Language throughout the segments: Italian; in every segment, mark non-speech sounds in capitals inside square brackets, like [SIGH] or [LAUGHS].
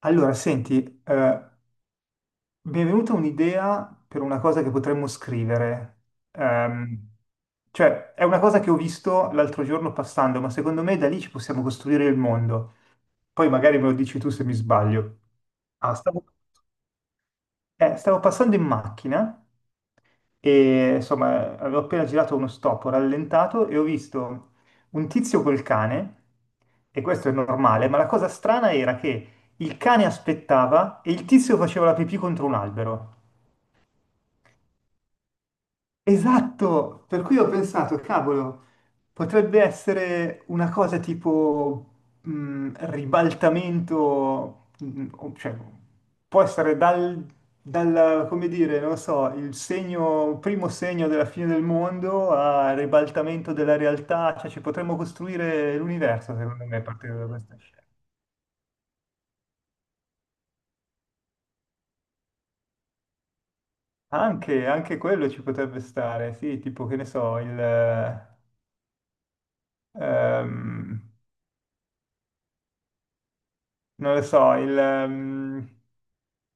Allora, senti, mi è venuta un'idea per una cosa che potremmo scrivere. Ehm, cioè, è una cosa che ho visto l'altro giorno passando, ma secondo me da lì ci possiamo costruire il mondo. Poi magari me lo dici tu se mi sbaglio. Ah, stavo passando in macchina e insomma avevo appena girato uno stop, ho rallentato e ho visto un tizio col cane, e questo è normale, ma la cosa strana era che il cane aspettava e il tizio faceva la pipì contro un albero. Esatto, per cui ho pensato, cavolo, potrebbe essere una cosa tipo ribaltamento, cioè può essere dal, come dire, non lo so, il segno, primo segno della fine del mondo a ribaltamento della realtà, cioè ci potremmo costruire l'universo, secondo me, a partire da questa scena. Anche quello ci potrebbe stare, sì, tipo che ne so, ehm, non lo so, il, ehm,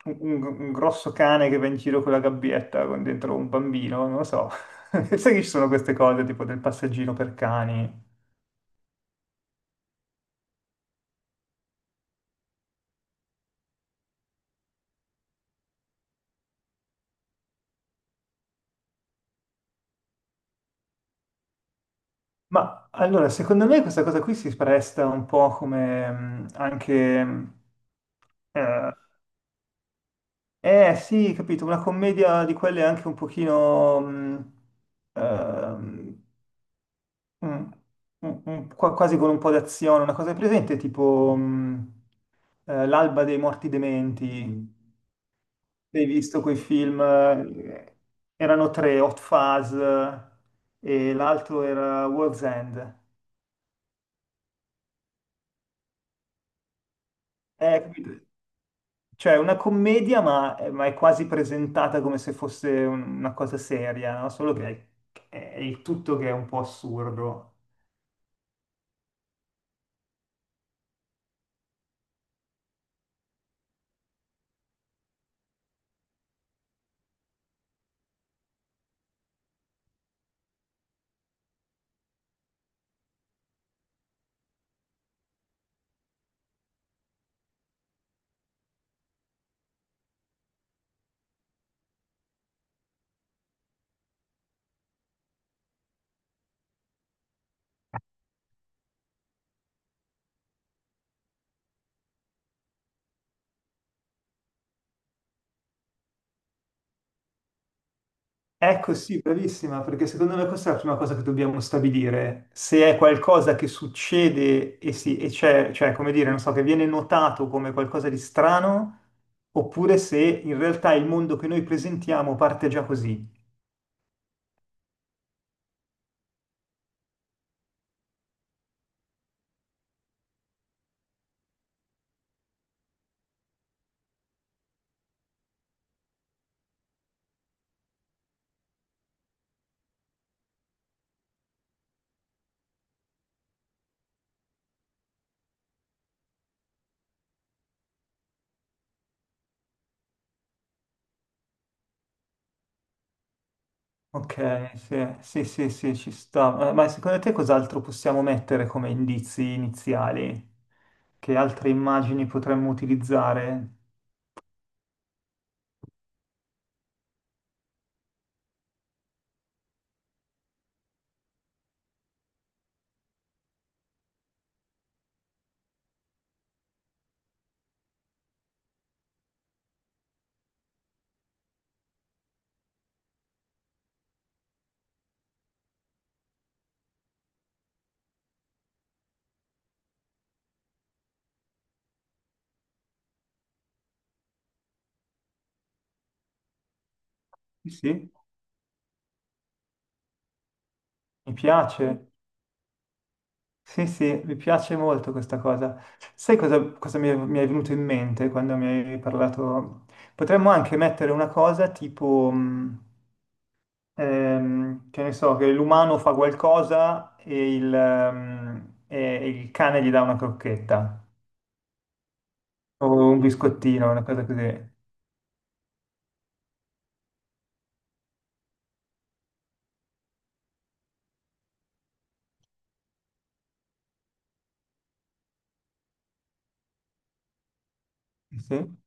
un, un- un grosso cane che va in giro con la gabbietta con dentro un bambino, non lo so. [LAUGHS] Sai che ci sono queste cose tipo del passeggino per cani. Ma allora, secondo me questa cosa qui si presta un po' come anche... eh, sì, capito, una commedia di quelle anche un pochino... ehm, Mm, quasi con un po' d'azione, una cosa è presente tipo L'alba dei morti dementi. Mm. Hai visto quei film? Erano tre, Hot Fuzz, e l'altro era World's End. Capito? Cioè una commedia ma è quasi presentata come se fosse una cosa seria, no? Solo che è il tutto che è un po' assurdo. Ecco, sì, bravissima, perché secondo me questa è la prima cosa che dobbiamo stabilire. Se è qualcosa che succede e, si, e c'è, cioè, come dire, non so, che viene notato come qualcosa di strano, oppure se in realtà il mondo che noi presentiamo parte già così. Ok, sì, sì, sì, sì, ci sta. Ma secondo te cos'altro possiamo mettere come indizi iniziali? Che altre immagini potremmo utilizzare? Sì, sì. Mi piace. Sì, sì, mi piace molto questa cosa. Sai cosa, cosa mi è venuto in mente quando mi hai parlato? Potremmo anche mettere una cosa tipo, che ne so, che l'umano fa qualcosa e il cane gli dà una crocchetta o un biscottino, una cosa così. Sì, sì.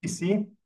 Sì, sì.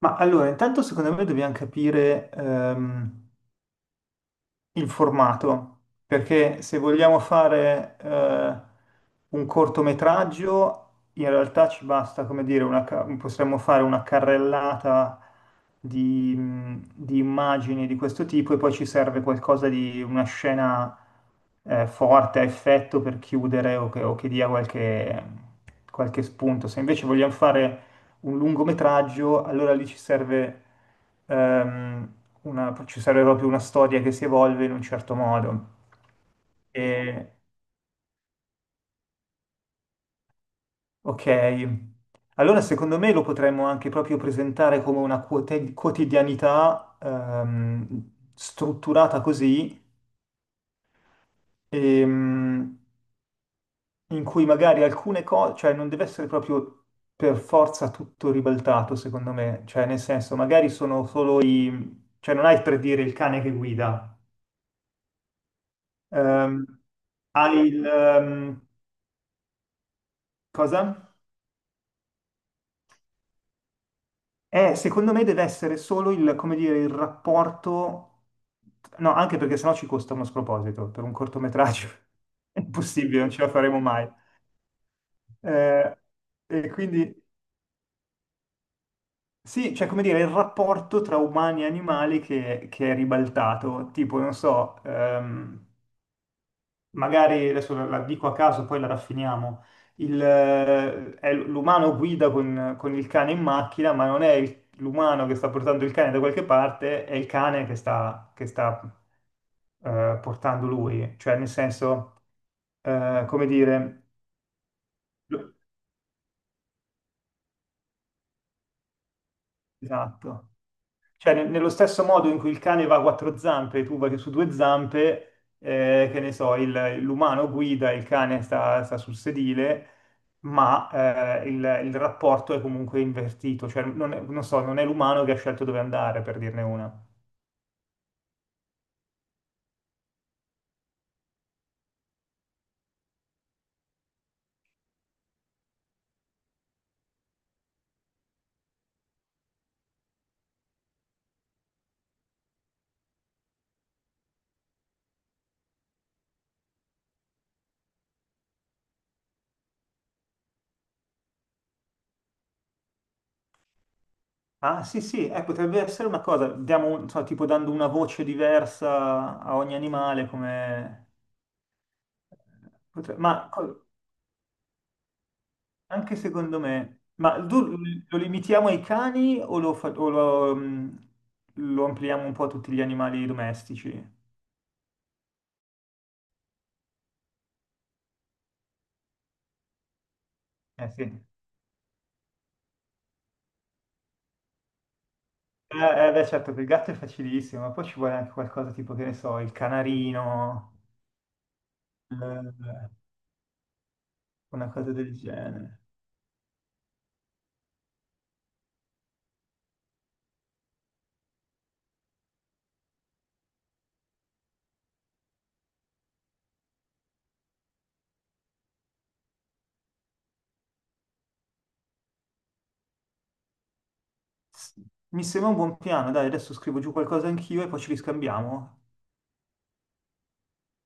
Ma allora, intanto secondo me dobbiamo capire il formato, perché se vogliamo fare un cortometraggio, in realtà ci basta, come dire, possiamo fare una carrellata di immagini di questo tipo e poi ci serve qualcosa di una scena forte, a effetto per chiudere o che dia qualche, qualche spunto. Se invece vogliamo fare un lungometraggio, allora lì ehm, ci serve proprio una storia che si evolve in un certo modo. E- ok, allora secondo me lo potremmo anche proprio presentare come una quotidianità strutturata così, ehm, in cui magari alcune cose, cioè non deve essere proprio per forza tutto ribaltato, secondo me, cioè nel senso magari sono solo i, cioè non hai per dire il cane che guida. Ehm, hai il cosa? Secondo me deve essere solo il, come dire, il rapporto. No, anche perché sennò ci costa uno sproposito per un cortometraggio. [LAUGHS] È impossibile, non ce la faremo mai. Eh, e quindi sì, cioè come dire, il rapporto tra umani e animali che è ribaltato, tipo, non so, magari adesso la dico a caso, poi la raffiniamo. L'umano guida con il cane in macchina, ma non è l'umano che sta portando il cane da qualche parte, è il cane che sta, portando lui. Cioè, nel senso, come dire, lo- esatto. Cioè, nello stesso modo in cui il cane va a quattro zampe e tu vai su due zampe, che ne so, l'umano guida, il cane sta sul sedile, ma il rapporto è comunque invertito. Cioè, non so, non è l'umano che ha scelto dove andare, per dirne una. Ah, sì, sì, potrebbe essere una cosa, diamo, so, tipo dando una voce diversa a ogni animale, come. potre- Ma co- Anche secondo me. Ma tu lo limitiamo ai cani o lo, fa- o lo, mm, lo ampliamo un po' a tutti gli animali domestici? Eh sì. Eh, beh, certo, per il gatto è facilissimo, ma poi ci vuole anche qualcosa tipo, che ne so, il canarino, eh, una cosa del genere. S- Mi sembra un buon piano, dai, adesso scrivo giù qualcosa anch'io e poi ci riscambiamo.